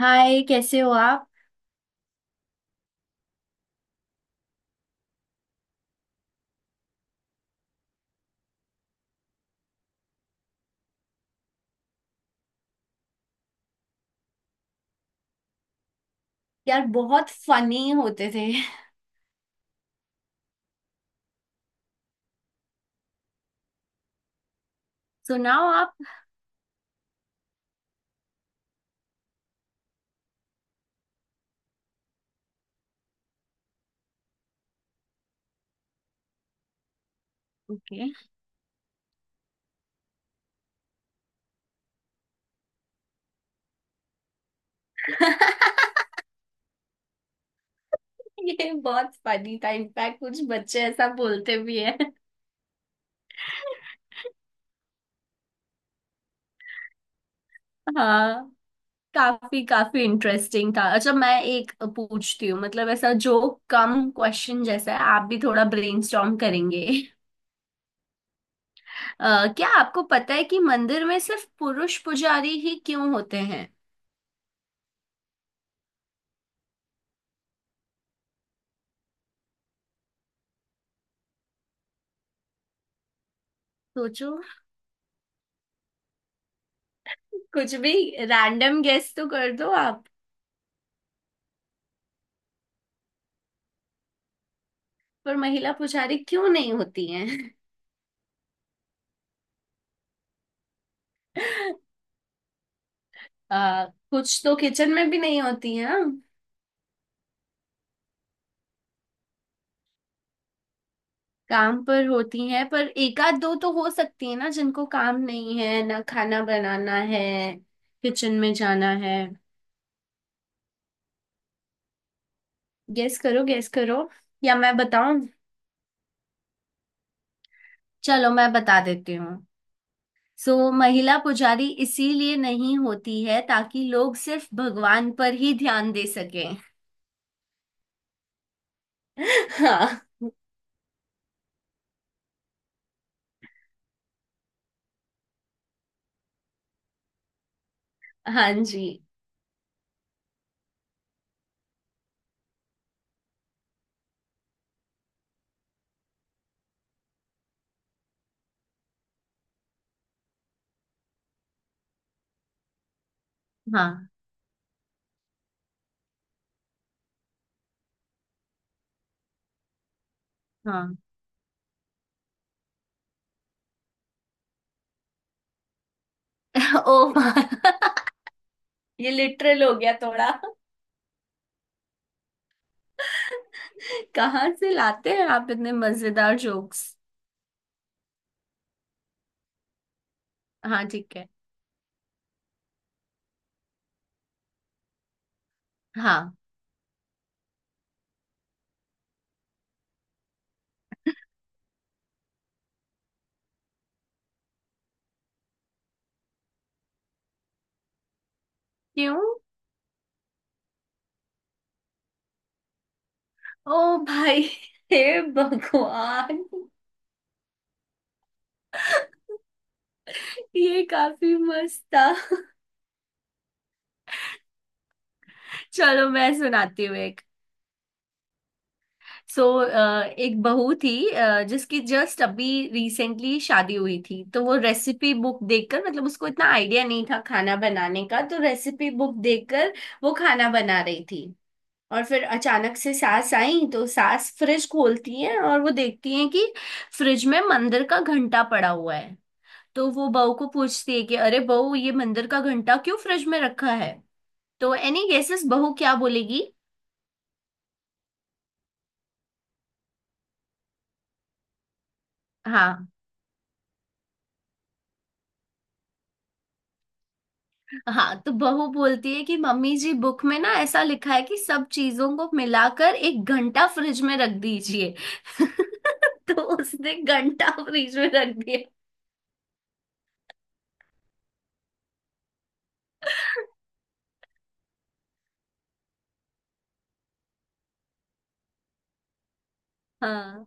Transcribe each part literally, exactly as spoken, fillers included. हाय, कैसे हो आप? यार, बहुत फनी होते थे। सुनाओ आप। ओके। ये बहुत फनी था। इनफैक्ट कुछ बच्चे ऐसा बोलते भी है। हाँ। काफी काफी इंटरेस्टिंग था। अच्छा, मैं एक पूछती हूँ, मतलब ऐसा जो कम क्वेश्चन जैसा है, आप भी थोड़ा ब्रेनस्टॉर्म करेंगे। अ, क्या आपको पता है कि मंदिर में सिर्फ पुरुष पुजारी ही क्यों होते हैं? सोचो। कुछ भी। रैंडम गेस तो कर दो आप। पर महिला पुजारी क्यों नहीं होती? आ, कुछ तो किचन में भी नहीं होती हैं। काम पर होती हैं, पर एक आध दो तो हो सकती है ना, जिनको काम नहीं है ना, खाना बनाना है, किचन में जाना है। गेस करो, गेस करो, या मैं बताऊं? चलो, मैं बता देती हूँ। सो महिला पुजारी इसीलिए नहीं होती है, ताकि लोग सिर्फ भगवान पर ही ध्यान दे सकें। हाँ। हाँ जी। हाँ। हाँ। ओ। ये लिटरल हो गया थोड़ा। कहाँ से लाते हैं आप इतने मजेदार जोक्स? हाँ, ठीक है। हाँ। क्यों? ओ भाई। हे भगवान। ये काफी मस्त था। चलो, मैं सुनाती हूँ एक। सो so, एक बहू थी, अ, जिसकी जस्ट अभी रिसेंटली शादी हुई थी, तो वो रेसिपी बुक देखकर, मतलब उसको इतना आइडिया नहीं था खाना बनाने का, तो रेसिपी बुक देखकर वो खाना बना रही थी। और फिर अचानक से सास आई, तो सास फ्रिज खोलती है और वो देखती है कि फ्रिज में मंदिर का घंटा पड़ा हुआ है। तो वो बहू को पूछती है कि अरे बहू, ये मंदिर का घंटा क्यों फ्रिज में रखा है? तो एनी गेसेस, बहू क्या बोलेगी? हाँ, हाँ। तो बहू बोलती है कि मम्मी जी, बुक में ना ऐसा लिखा है कि सब चीजों को मिलाकर एक घंटा फ्रिज में रख दीजिए। तो उसने घंटा फ्रिज में रख दिया। हाँ।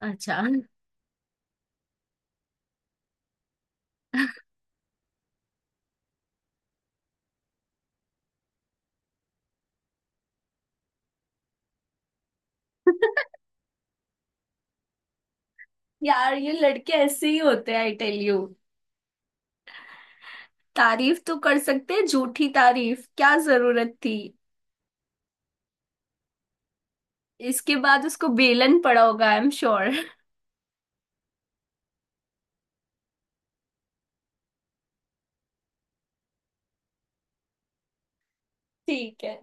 अच्छा। यार, ये लड़के ऐसे ही होते हैं, आई टेल यू। तारीफ तो कर सकते हैं, झूठी तारीफ क्या जरूरत थी? इसके बाद उसको बेलन पड़ा होगा, आई एम श्योर। ठीक है।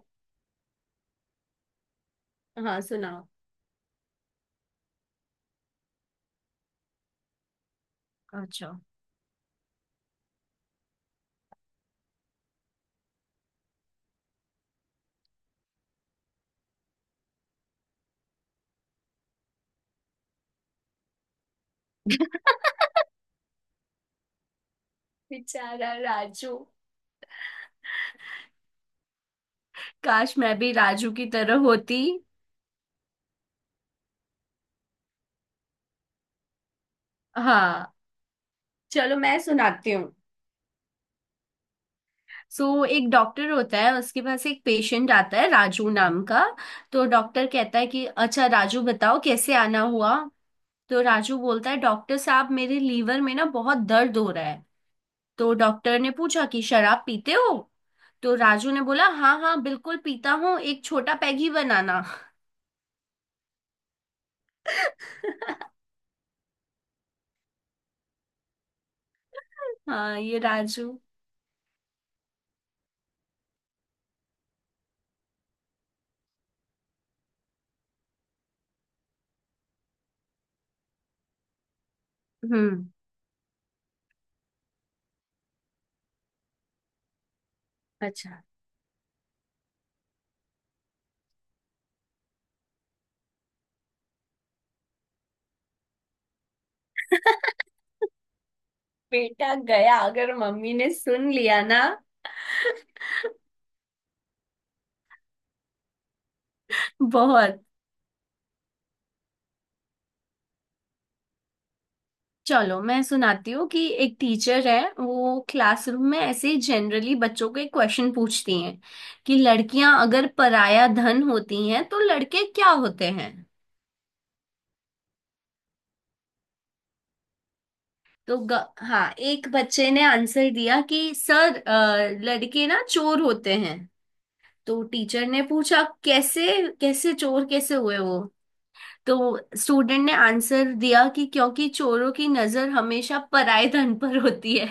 हाँ, सुनाओ। अच्छा। बेचारा राजू। काश मैं भी राजू की तरह होती। हाँ। चलो, मैं सुनाती हूँ। सो एक डॉक्टर होता है, उसके पास एक पेशेंट आता है राजू नाम का। तो डॉक्टर कहता है कि अच्छा राजू, बताओ कैसे आना हुआ। तो राजू बोलता है, डॉक्टर साहब, मेरे लीवर में ना बहुत दर्द हो रहा है। तो डॉक्टर ने पूछा कि शराब पीते हो? तो राजू ने बोला, हाँ हाँ, बिल्कुल पीता हूँ, एक छोटा पैग ही बनाना। हाँ, ये राजू। हम्म। अच्छा। बेटा गया अगर मम्मी ने सुन लिया ना। बहुत। चलो, मैं सुनाती हूँ कि एक टीचर है, वो क्लासरूम में ऐसे ही जनरली बच्चों के क्वेश्चन पूछती हैं कि लड़कियां अगर पराया धन होती हैं, तो लड़के क्या होते हैं? तो ग, हाँ, एक बच्चे ने आंसर दिया कि सर, अ, लड़के ना चोर होते हैं। तो टीचर ने पूछा, कैसे? कैसे चोर कैसे हुए वो? तो स्टूडेंट ने आंसर दिया कि क्योंकि चोरों की नजर हमेशा पराये धन पर होती है।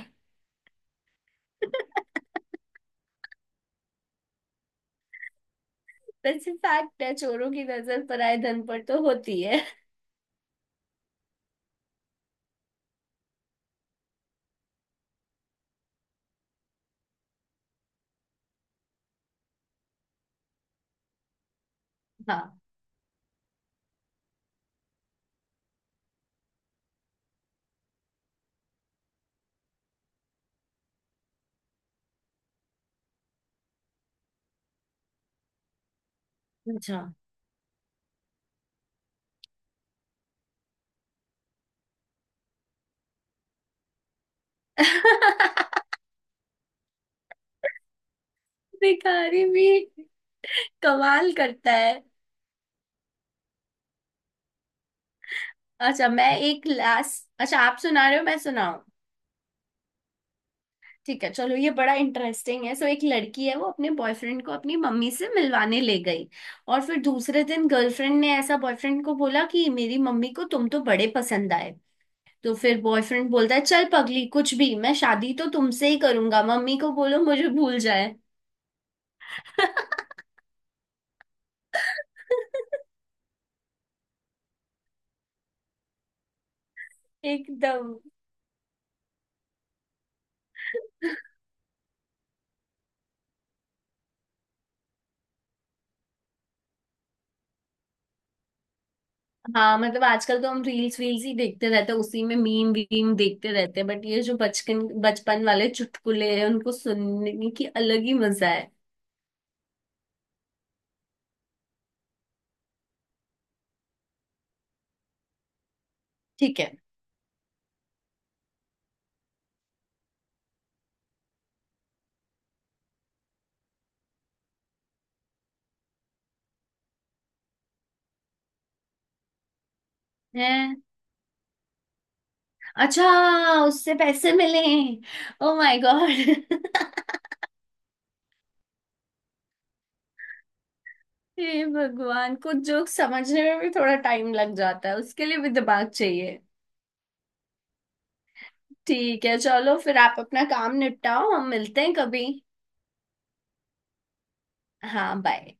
वैसे फैक्ट है, चोरों की नजर पराये धन पर तो होती है। हाँ। अच्छा। भिखारी भी कमाल करता है। अच्छा, मैं एक लास्ट, अच्छा, आप सुना रहे हो, मैं सुनाऊं? ठीक है, चलो, ये बड़ा इंटरेस्टिंग है। सो एक लड़की है, वो अपने बॉयफ्रेंड को अपनी मम्मी से मिलवाने ले गई। और फिर दूसरे दिन गर्लफ्रेंड ने ऐसा बॉयफ्रेंड को बोला कि मेरी मम्मी को तुम तो बड़े पसंद आए। तो फिर बॉयफ्रेंड बोलता है, चल पगली, कुछ भी, मैं शादी तो तुमसे ही करूंगा, मम्मी को बोलो मुझे भूल जाए। एकदम। हाँ, मतलब आजकल तो हम रील्स वील्स ही देखते रहते हैं, उसी में मीम वीम देखते रहते हैं, बट ये जो बचपन बचपन वाले चुटकुले हैं, उनको सुनने की अलग ही मजा है। ठीक है। हैं? अच्छा। उससे पैसे मिले? Oh my God. हे भगवान, कुछ जोक समझने में भी थोड़ा टाइम लग जाता है, उसके लिए भी दिमाग चाहिए। ठीक है, चलो फिर आप अपना काम निपटाओ, हम मिलते हैं कभी। हाँ, बाय।